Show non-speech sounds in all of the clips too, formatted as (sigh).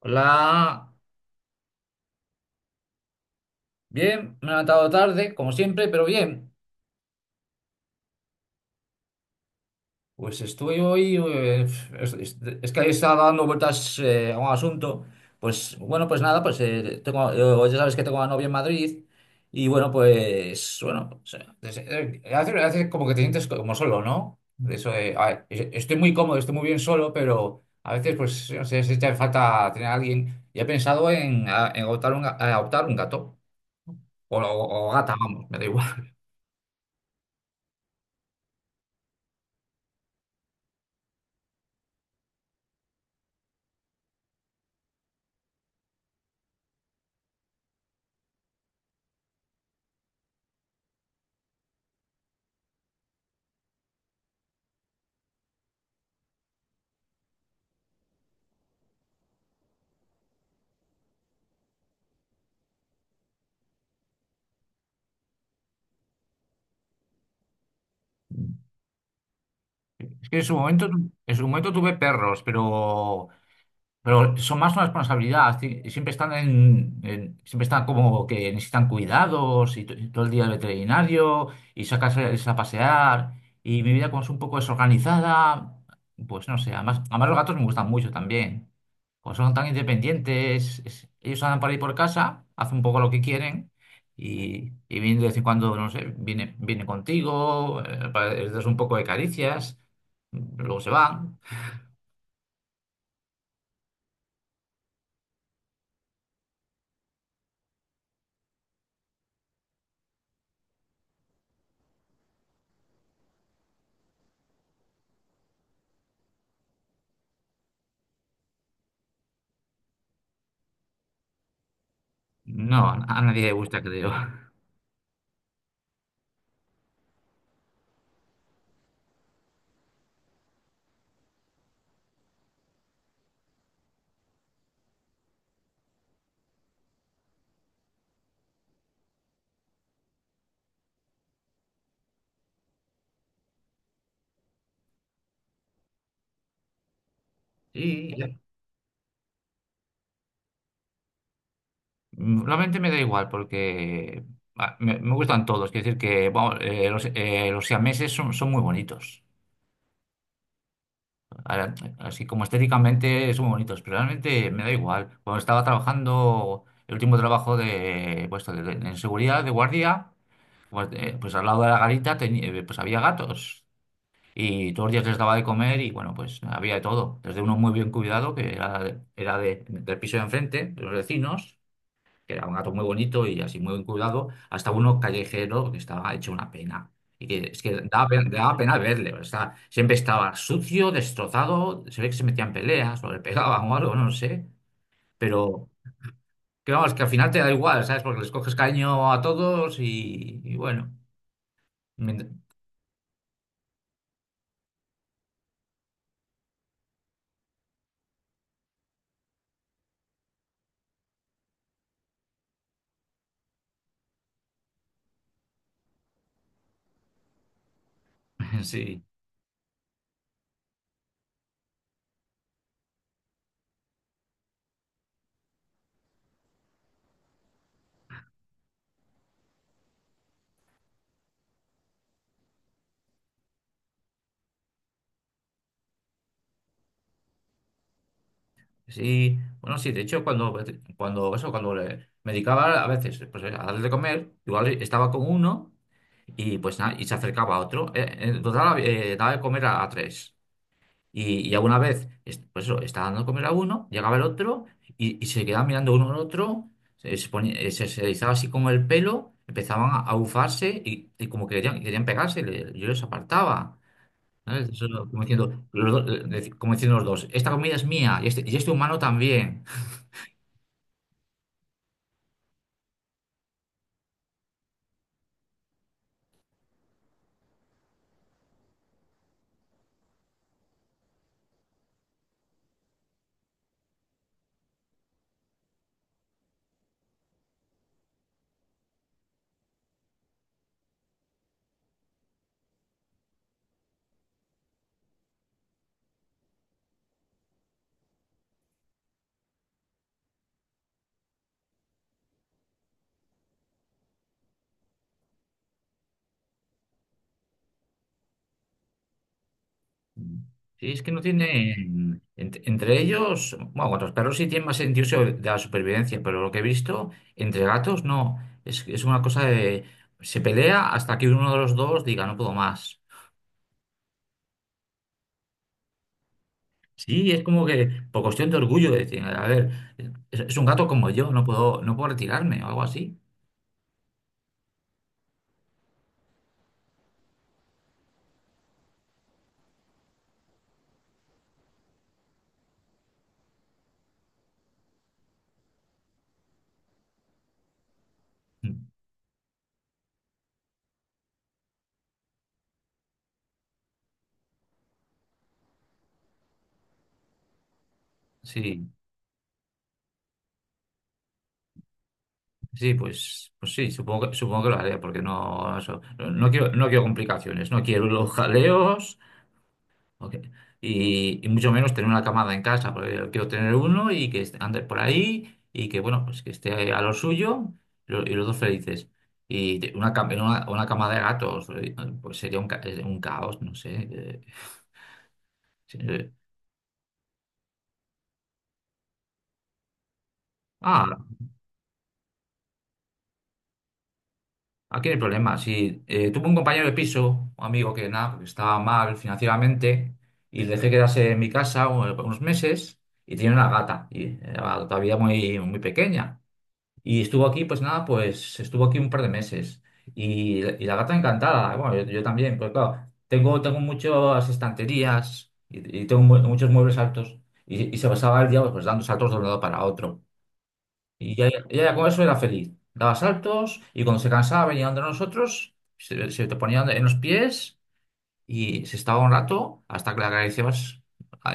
Hola, bien, me he levantado tarde, como siempre, pero bien. Pues estoy hoy, es, es- es que ahí estaba dando vueltas a un asunto. Pues bueno, pues nada, pues tengo, Ya sabes que tengo a novia en Madrid y bueno, pues bueno, o sea, es- hace, hace como que te sientes como solo, ¿no? De eso de, a ver, estoy muy cómodo, estoy muy bien solo, pero a veces pues no sé, se echa de falta tener a alguien. Y he pensado en, adoptar un gato o gata, vamos, me da igual. Es que en su momento, en su momento tuve perros, pero son más una responsabilidad, siempre están como que necesitan cuidados y, y todo el día al veterinario y sacas a pasear y mi vida como es un poco desorganizada, pues no sé, además, además los gatos me gustan mucho también, como son tan independientes, ellos andan por ahí por casa, hacen un poco lo que quieren y vienen de vez en cuando, no sé, vienen contigo, les das un poco de caricias, luego se van. No, a nadie le gusta, creo. Y yo- Realmente me da igual porque me gustan todos. Quiero decir que vamos, los siameses son, son muy bonitos. Ahora, así como estéticamente son muy bonitos, pero realmente me da igual. Cuando estaba trabajando, el último trabajo de, pues, en seguridad, de guardia, pues, pues al lado de la garita pues había gatos. Y todos los días les daba de comer y bueno, pues había de todo. Desde uno muy bien cuidado, que era, del piso de enfrente, de los vecinos, que era un gato muy bonito y así muy bien cuidado, hasta uno callejero que estaba hecho una pena. Y que es que daba pena verle, o sea, siempre estaba sucio, destrozado, se ve que se metían en peleas o le pegaban o algo, no sé. Pero que vamos, que al final te da igual, ¿sabes? Porque les coges cariño a todos y bueno, mient- (laughs) sí. Sí, bueno, sí, de hecho, cuando, cuando, eso, cuando me dedicaba a veces pues, a darle de comer, igual estaba con uno y pues nada, y se acercaba a otro. En total, daba de comer a tres. Y alguna vez, pues eso, estaba dando de comer a uno, llegaba el otro y se quedaban mirando uno al otro, se erizaba así como el pelo, empezaban a bufarse y como que querían, querían pegarse, yo los apartaba. ¿Sabes? Eso, como diciendo, como diciendo los dos, esta comida es mía y este humano también. Sí, es que no tienen, entre ellos, bueno, con los perros sí tienen más sentido de la supervivencia, pero lo que he visto, entre gatos no, es una cosa de, se pelea hasta que uno de los dos diga, no puedo más. Sí, es como que por cuestión de orgullo, de decir, a ver, es un gato como yo, no puedo, no puedo retirarme o algo así. Sí, sí, pues, pues sí, supongo que lo haré, porque no, eso, no, no quiero, no quiero complicaciones, no quiero los jaleos. Ok. Y mucho menos tener una camada en casa, porque yo quiero tener uno y que ande por ahí y que, bueno, pues que esté a lo suyo y los dos felices. Y una cama de gatos, pues sería un, un caos, no sé. Sí, eh. Ah, aquí no hay problema. Si tuve un compañero de piso, un amigo que nada, porque estaba mal financieramente y le dejé quedarse en mi casa unos meses y tiene una gata, y era todavía muy, muy pequeña. Y estuvo aquí, pues nada, pues estuvo aquí un par de meses. Y la gata encantada, bueno, yo también, pues claro, tengo, tengo muchas estanterías y tengo muchos muebles altos. Y se pasaba el día pues, dando saltos de un lado para otro. Y ella con eso era feliz. Daba saltos y cuando se cansaba venía donde nosotros, se te ponía en los pies y se estaba un rato hasta que la Garicebas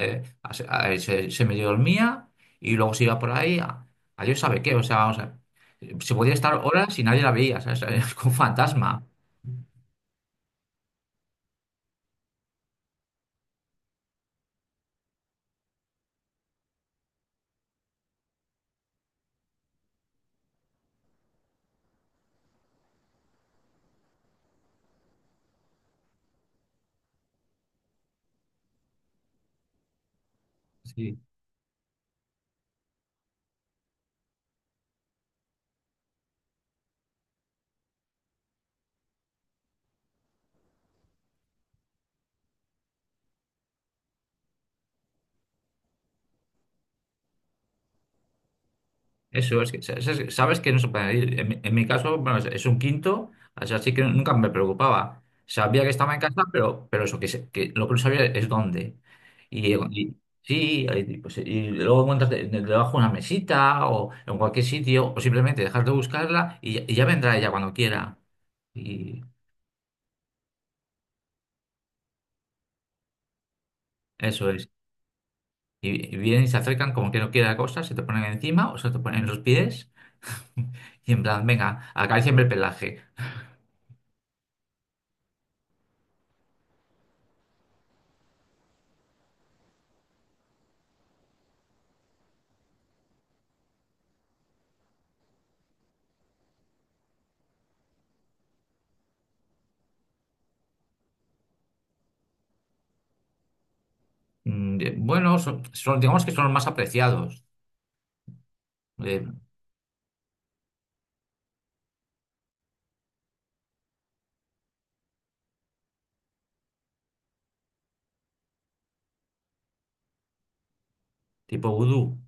eh, se medio dormía y luego se iba por ahí a Dios sabe qué. O sea, se podía estar horas y nadie la veía, ¿sabes? (laughs) Como un fantasma. Sí. Eso es que sabes que no se puede ir. En mi caso, bueno, es un quinto, así así que nunca me preocupaba. Sabía que estaba en casa, pero eso, que, que lo que no sabía es dónde. Y, y- sí, y, pues, y luego encuentras debajo una mesita o en cualquier sitio, o simplemente dejar de buscarla y ya vendrá ella cuando quiera. Y eso es. Y vienen y se acercan como que no quiere la cosa, se te ponen encima o se te ponen en los pies (laughs) y en plan, venga, acaríciame el pelaje. Bueno, son, digamos que son los más apreciados, eh, tipo vudú.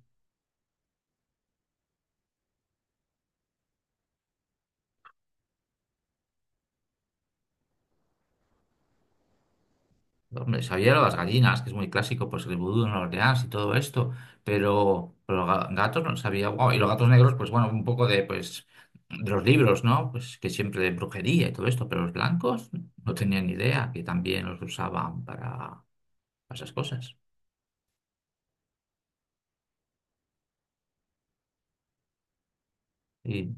Hombre, sabía lo de las gallinas, que es muy clásico, pues el vudú en Nueva Orleans y todo esto, pero gatos no sabía. Guau, y los gatos negros, pues bueno, un poco de, pues, de los libros, ¿no? Pues que siempre de brujería y todo esto, pero los blancos no tenían ni idea que también los usaban para esas cosas. Y,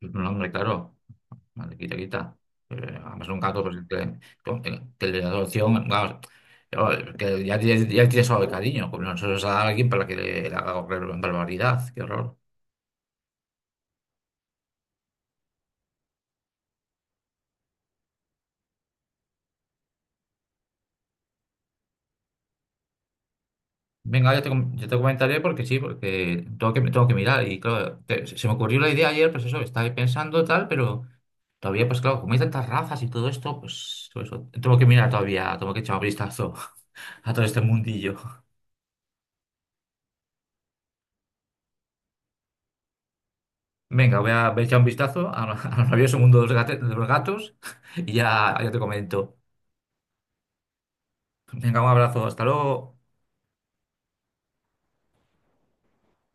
pues, no, hombre, claro. Vale, quita, quita. Además, un gato, pues, que, que el de adopción, vamos, que ya, ya, tiene solo el cariño, como nosotros a alguien para que le haga barbaridad, qué horror. Venga, yo te, yo te comentaré porque sí, porque tengo que mirar. Y claro, se me ocurrió la idea ayer, pues eso, estaba ahí pensando tal, pero todavía, pues claro, como hay tantas razas y todo esto, pues todo eso, tengo que mirar todavía, tengo que echar un vistazo (laughs) a todo este mundillo. Venga, voy a echar un vistazo (laughs) al maravilloso mundo de los de los gatos y ya, ya te comento. Venga, un abrazo, hasta luego.